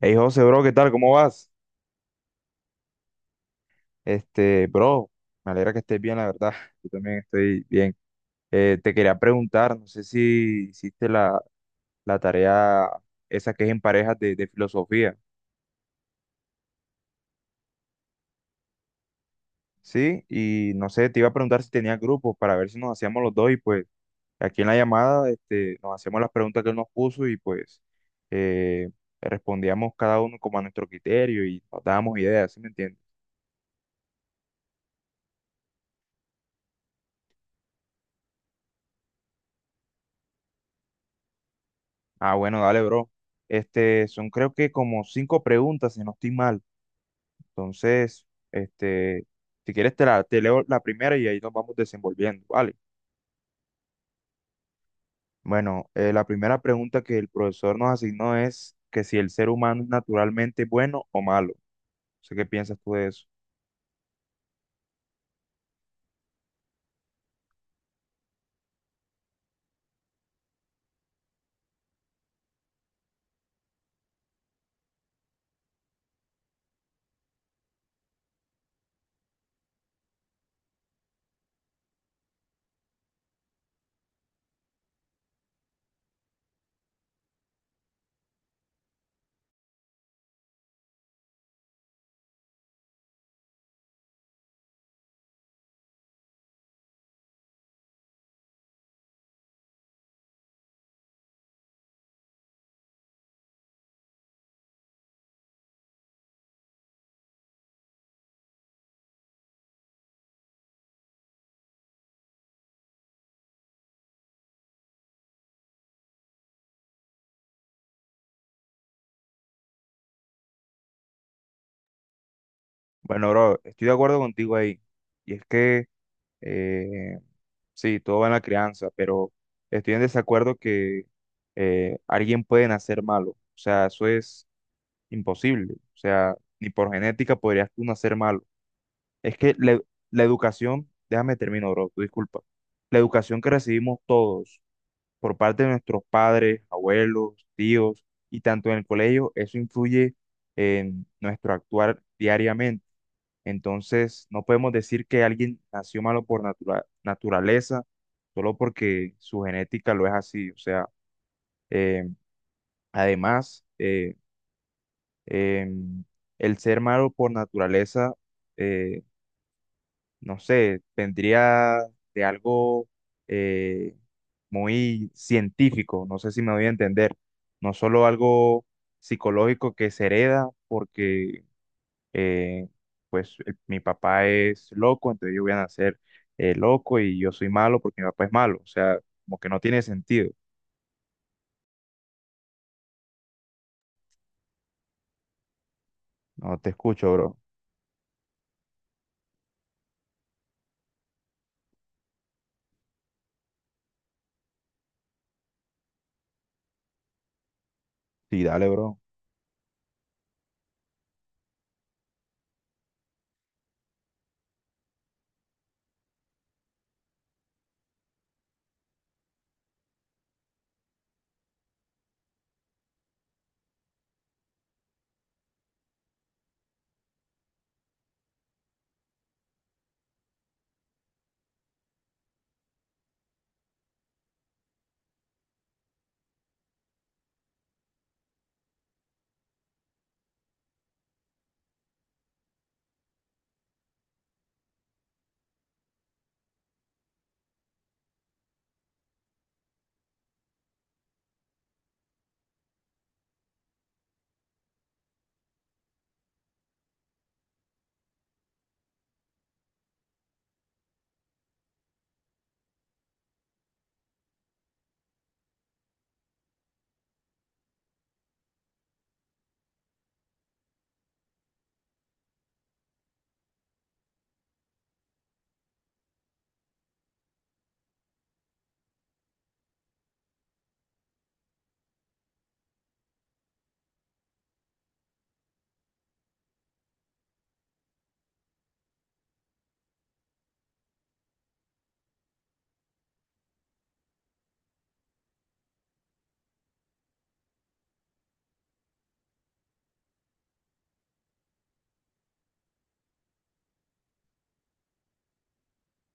Hey José, bro, ¿qué tal? ¿Cómo vas? Este, bro, me alegra que estés bien, la verdad. Yo también estoy bien. Te quería preguntar, no sé si hiciste la tarea esa que es en parejas de filosofía, ¿sí? Y no sé, te iba a preguntar si tenías grupos para ver si nos hacíamos los dos y pues aquí en la llamada este, nos hacíamos las preguntas que él nos puso y pues eh, respondíamos cada uno como a nuestro criterio y nos dábamos ideas, ¿sí me entiendes? Ah, bueno, dale, bro. Este, son creo que como 5 preguntas, si no estoy mal. Entonces, este, si quieres te te leo la primera y ahí nos vamos desenvolviendo, ¿vale? Bueno, la primera pregunta que el profesor nos asignó es que si el ser humano es naturalmente bueno o malo. No sé qué piensas tú de eso. Bueno, bro, estoy de acuerdo contigo ahí. Y es que, eh, sí, todo va en la crianza, pero estoy en desacuerdo que alguien puede nacer malo. O sea, eso es imposible. O sea, ni por genética podrías tú nacer malo. Es que la educación, déjame termino, bro, tú disculpa. La educación que recibimos todos por parte de nuestros padres, abuelos, tíos y tanto en el colegio, eso influye en nuestro actuar diariamente. Entonces, no podemos decir que alguien nació malo por naturaleza solo porque su genética lo es así. O sea, eh, además, em, el ser malo por naturaleza, eh, no sé, vendría de algo eh, muy científico, no sé si me voy a entender, no solo algo psicológico que se hereda porque eh, pues mi papá es loco, entonces yo voy a nacer loco y yo soy malo porque mi papá es malo, o sea, como que no tiene sentido. No te escucho, bro. Sí, dale, bro.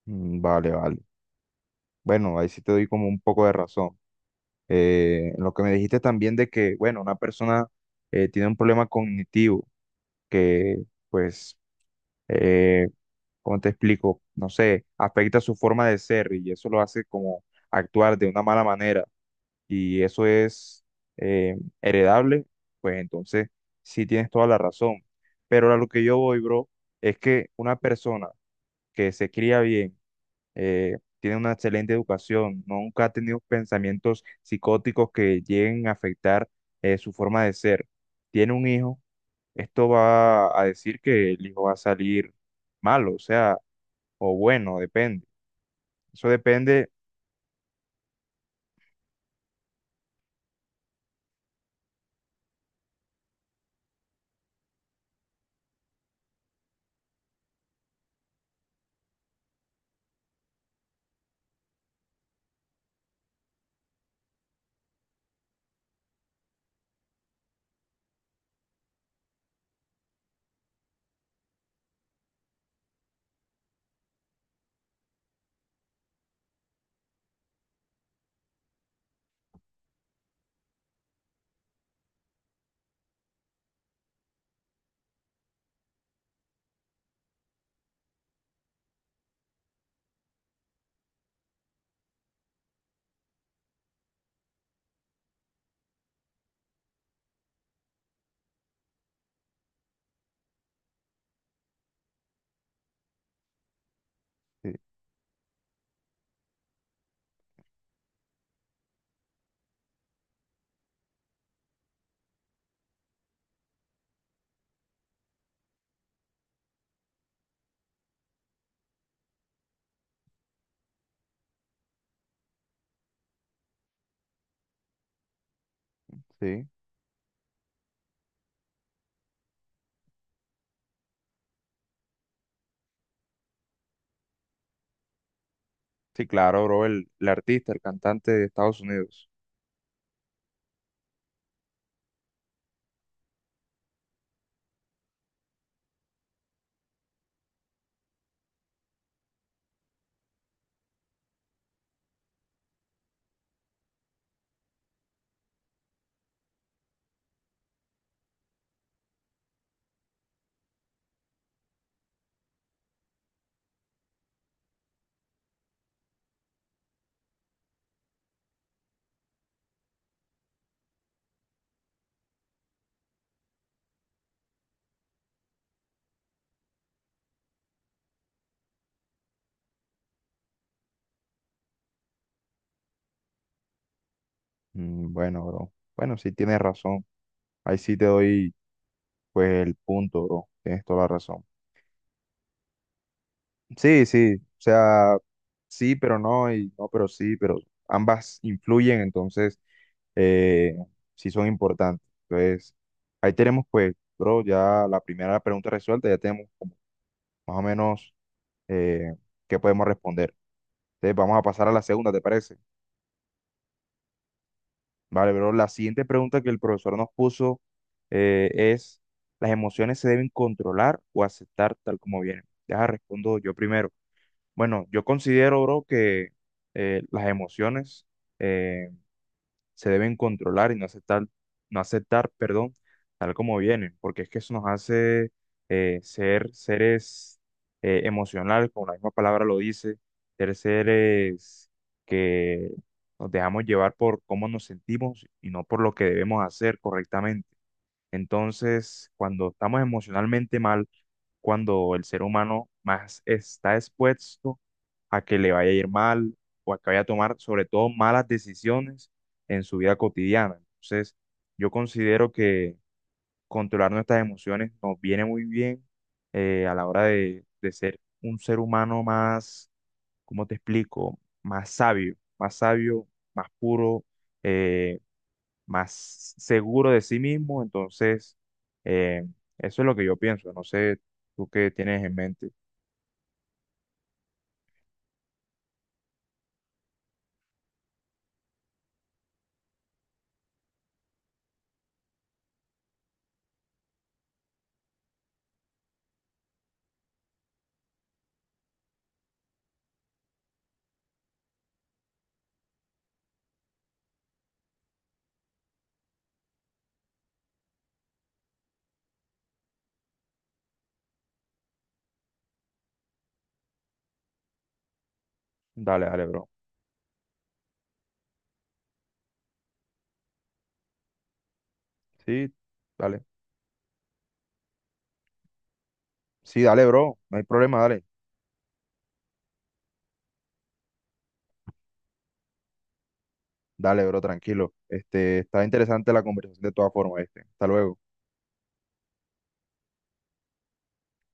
Mm, vale, vale. Bueno, ahí sí te doy como un poco de razón. Lo que me dijiste también de que, bueno, una persona tiene un problema cognitivo que, pues, eh, ¿cómo te explico? No sé, afecta su forma de ser y eso lo hace como actuar de una mala manera y eso es heredable, pues entonces sí tienes toda la razón. Pero a lo que yo voy, bro, es que una persona que se cría bien, tiene una excelente educación, nunca ha tenido pensamientos psicóticos que lleguen a afectar su forma de ser. Tiene un hijo, esto va a decir que el hijo va a salir malo, o sea, o bueno, depende. Eso depende. Sí, sí. Sí, claro, bro, el artista, el cantante de Estados Unidos. Mm, bueno, bro. Bueno, sí tienes razón. Ahí sí te doy, pues, el punto, bro. Tienes toda la razón. Sí, sí. O sea, sí, pero no, y no, pero sí, pero ambas influyen, entonces eh, sí son importantes. Entonces, ahí tenemos pues, bro, ya la primera pregunta resuelta, ya tenemos como más o menos eh, qué podemos responder. Entonces, vamos a pasar a la segunda, ¿te parece? Vale, bro, la siguiente pregunta que el profesor nos puso es, ¿las emociones se deben controlar o aceptar tal como vienen? Deja, respondo yo primero. Bueno, yo considero, bro, que las emociones... eh, se deben controlar y no aceptar, no aceptar, perdón, tal como vienen, porque es que eso nos hace ser seres emocionales, como la misma palabra lo dice, ser seres que nos dejamos llevar por cómo nos sentimos y no por lo que debemos hacer correctamente. Entonces, cuando estamos emocionalmente mal, cuando el ser humano más está expuesto a que le vaya a ir mal o a que vaya a tomar sobre todo malas decisiones en su vida cotidiana. Entonces, yo considero que controlar nuestras emociones nos viene muy bien a la hora de ser un ser humano más, ¿cómo te explico? Más sabio, más sabio, más puro, eh, más seguro de sí mismo. Entonces, eh, eso es lo que yo pienso. No sé tú qué tienes en mente. Dale, dale, bro. Sí, dale. Sí, dale, bro. No hay problema, dale. Dale, bro, tranquilo. Este, está interesante la conversación de todas formas, este. Hasta luego.